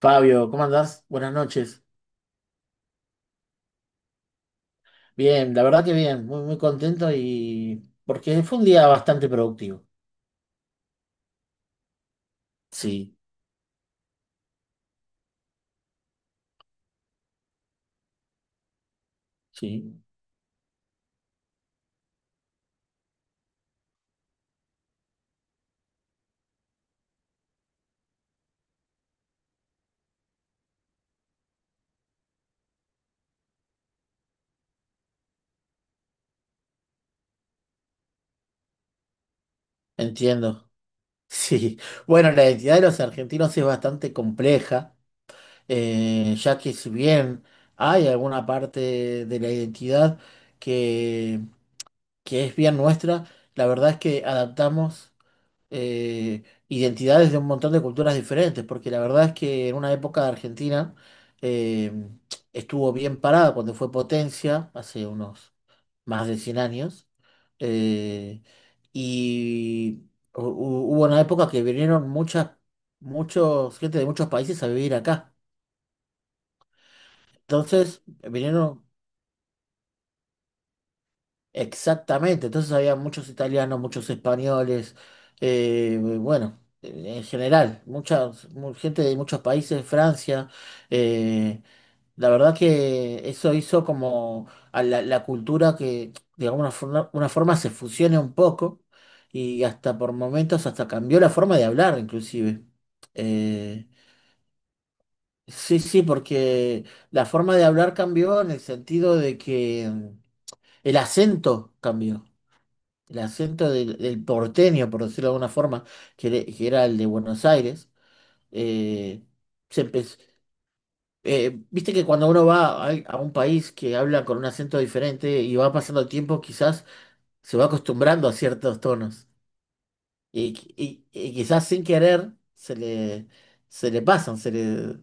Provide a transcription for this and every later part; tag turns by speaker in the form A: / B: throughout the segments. A: Fabio, ¿cómo andás? Buenas noches. Bien, la verdad que bien, muy, muy contento y porque fue un día bastante productivo. Sí, sí, entiendo. Sí, bueno, la identidad de los argentinos es bastante compleja, ya que si bien hay alguna parte de la identidad que, que es bien nuestra, la verdad es que adaptamos. eh, Identidades de un montón de culturas diferentes, porque la verdad es que en una época Argentina eh, estuvo bien parada cuando fue potencia, hace unos más de 100 años. eh, y hubo una época que vinieron gente de muchos países a vivir acá. Entonces, vinieron. Exactamente, entonces había muchos italianos, muchos españoles, bueno, en general, gente de muchos países, Francia. eh, la verdad que eso hizo como a la cultura que de alguna forma, una forma se fusione un poco y hasta por momentos hasta cambió la forma de hablar inclusive. Eh, sí, sí, porque la forma de hablar cambió en el sentido de que el acento cambió. El acento del porteño, por decirlo de alguna forma, que era el de Buenos Aires. eh, Se empezó. Viste que cuando uno va a un país que habla con un acento diferente y va pasando el tiempo, quizás se va acostumbrando a ciertos tonos y, y quizás sin querer se le pasan, se le,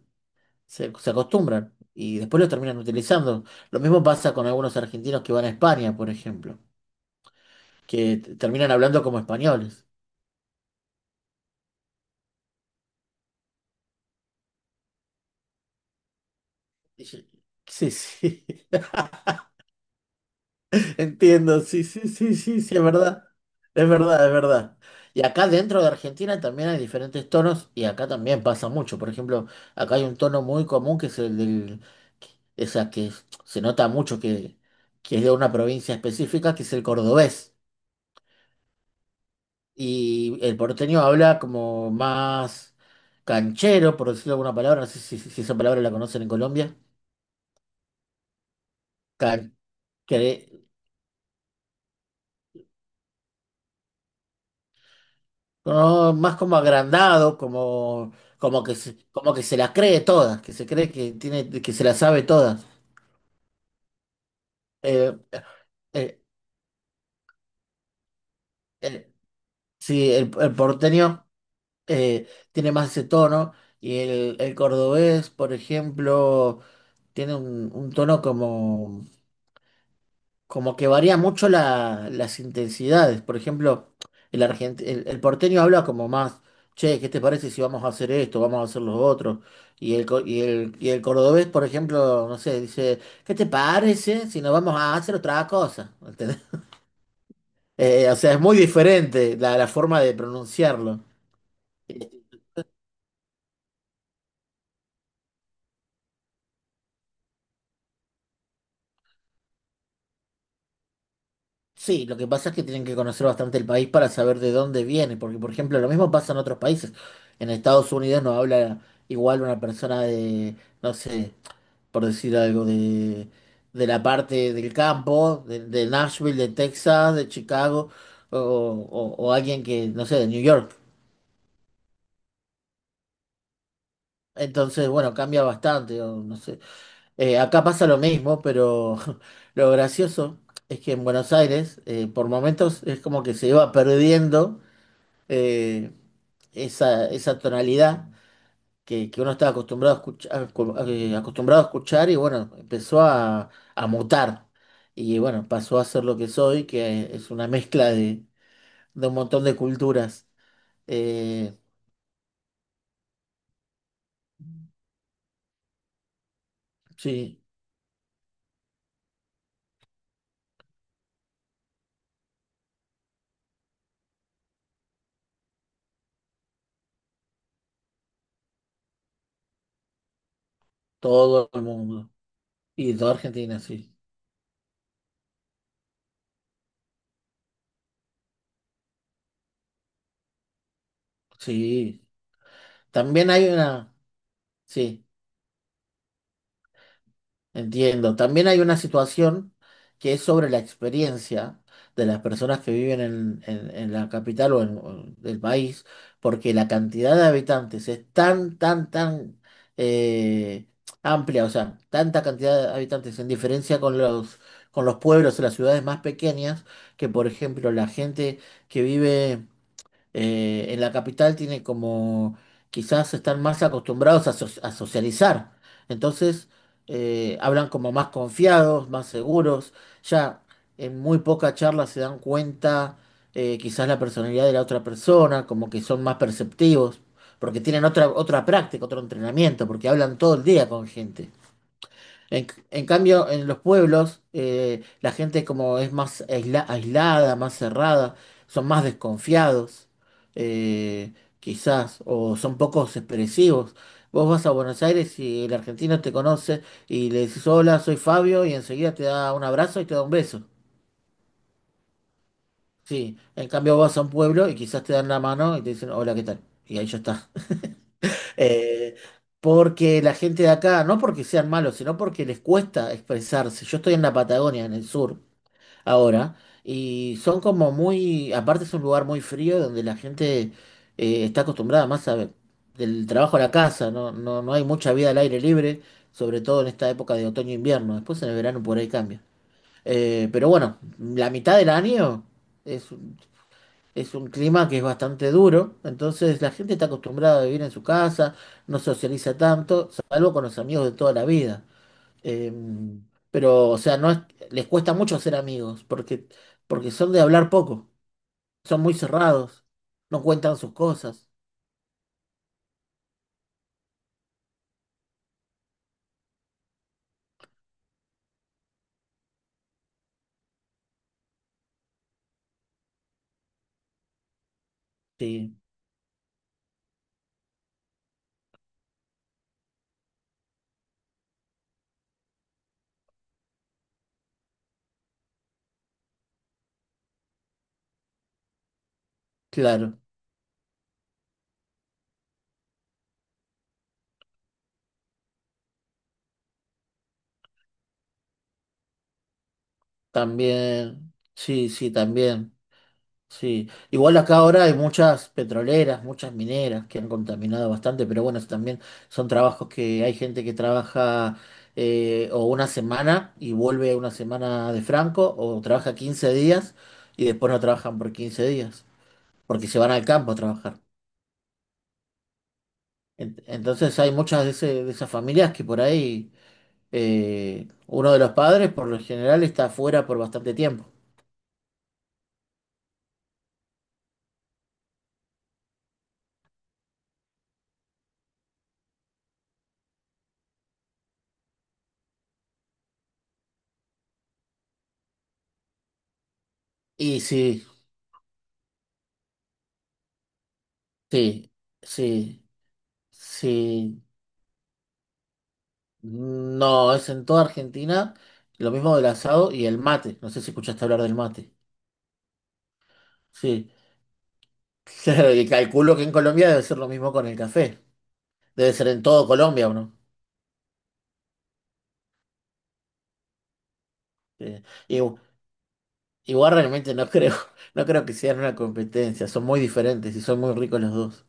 A: se, se acostumbran. Y después lo terminan utilizando. Lo mismo pasa con algunos argentinos que van a España, por ejemplo, terminan hablando como españoles. Sí, sí. Entiendo, sí, sí, sí, sí, sí, es verdad. Es verdad, es verdad. Y acá dentro de Argentina también hay diferentes tonos y acá también pasa mucho. Por ejemplo, acá hay un tono muy común que es el del, o sea, se nota mucho que es de una provincia específica, que es el cordobés. Y el porteño habla como más canchero, por decirlo de alguna palabra, no sé si, esa palabra la conocen en Colombia. Canchero. No, más como agrandado, como, que se, como que se la cree todas, que se cree que tiene, que se la sabe todas. Eh, eh, eh, sí, el porteño tiene más ese tono y el cordobés, por ejemplo, tiene un tono como que varía mucho las intensidades. Por ejemplo, el porteño habla como más, che, ¿qué te parece si vamos a hacer esto, vamos a hacer lo otro? Y el, co- y el cordobés, por ejemplo, no sé, dice, ¿qué te parece si nos vamos a hacer otra cosa? ¿Entendés? O sea, es muy diferente la forma de pronunciarlo. Eh, Sí, lo que pasa es que tienen que conocer bastante el país para saber de dónde viene, porque por ejemplo lo mismo pasa en otros países. En Estados Unidos no habla igual una persona de, no sé, por decir algo, de, la parte del campo, de Nashville, de Texas, de Chicago, o alguien que, no sé, de New York. Entonces, bueno, cambia bastante, o no sé. Acá pasa lo mismo, pero lo gracioso es que en Buenos Aires, por momentos, es como que se iba perdiendo eh, esa tonalidad que uno estaba acostumbrado a escuchar y bueno, empezó a mutar. Y bueno, pasó a ser lo que soy, que es una mezcla de un montón de culturas. Eh, sí, todo el mundo. Y toda Argentina, sí. Sí. También hay una, sí. Entiendo. También hay una situación que es sobre la experiencia de las personas que viven en la capital o en el país, porque la cantidad de habitantes es tan eh, amplia, o sea, tanta cantidad de habitantes en diferencia con los pueblos o las ciudades más pequeñas, que por ejemplo la gente que vive en la capital tiene como, quizás están más acostumbrados a socializar. Entonces, hablan como más confiados, más seguros. Ya en muy poca charla se dan cuenta, quizás la personalidad de la otra persona, como que son más perceptivos, porque tienen otra práctica, otro entrenamiento, porque hablan todo el día con gente. En cambio, en los pueblos, la gente como es más aislada, más cerrada, son más desconfiados, eh, quizás, o son pocos expresivos. Vos vas a Buenos Aires y el argentino te conoce y le dices, hola, soy Fabio, y enseguida te da un abrazo y te da un beso. Sí, en cambio vas a un pueblo y quizás te dan la mano y te dicen, hola, ¿qué tal? Y ahí ya está. Eh, Porque la gente de acá, no porque sean malos, sino porque les cuesta expresarse. Yo estoy en la Patagonia, en el sur, ahora, y son como muy, aparte es un lugar muy frío donde la gente está acostumbrada más a, del trabajo a la casa, no hay mucha vida al aire libre, sobre todo en esta época de otoño e invierno. Después en el verano por ahí cambia. Pero bueno, la mitad del año es un clima que es bastante duro, entonces la gente está acostumbrada a vivir en su casa, no socializa tanto, salvo con los amigos de toda la vida. Eh, pero, o sea, no es- les cuesta mucho hacer amigos, porque son de hablar poco, son muy cerrados, no cuentan sus cosas. Sí, claro, también, sí, sí, también. Sí, igual acá ahora hay muchas petroleras, muchas mineras que han contaminado bastante, pero bueno, eso también son trabajos que hay gente que trabaja o una semana y vuelve una semana de franco, o trabaja 15 días y después no trabajan por 15 días, porque se van al campo a trabajar. Entonces hay muchas de esas familias que por ahí uno de los padres por lo general está afuera por bastante tiempo. Y sí, sí, sí, sí. No, es en toda Argentina lo mismo del asado y el mate. No sé si escuchaste hablar del mate. Sí. Claro, y calculo que en Colombia debe ser lo mismo con el café. Debe ser en todo Colombia, ¿o no? Eh, igu- Igual realmente no creo, no creo que sean una competencia. Son muy diferentes y son muy ricos los dos.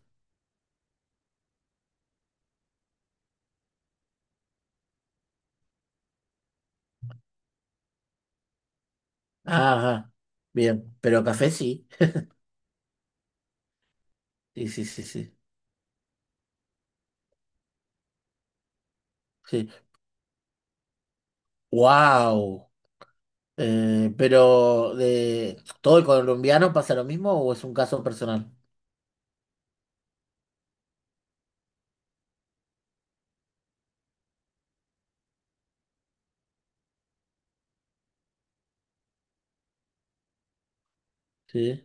A: Ajá. Bien. Pero café sí. Sí, sí, sí, sí. Sí. ¡Wow! ¿Pero de todo el colombiano pasa lo mismo o es un caso personal? Sí,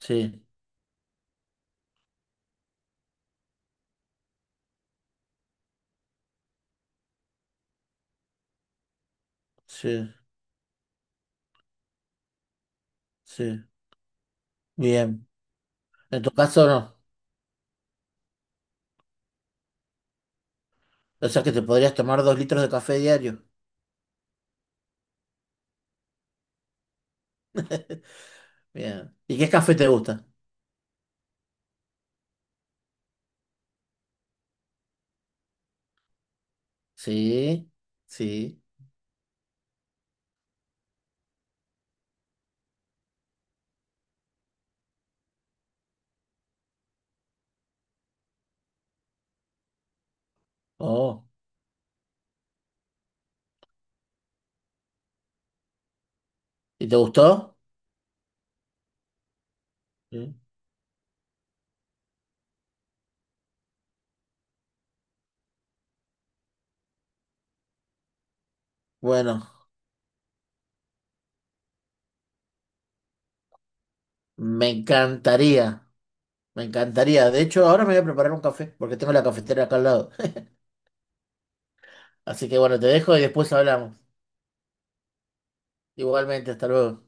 A: sí. Sí. Sí, bien. En tu caso no. O sea que te podrías tomar 2 litros de café diario. Bien. ¿Y qué café te gusta? Sí, sí. Oh. ¿Y te gustó? Sí. Bueno, me encantaría. Me encantaría. De hecho, ahora me voy a preparar un café porque tengo la cafetera acá al lado. Así que bueno, te dejo y después hablamos. Igualmente, hasta luego.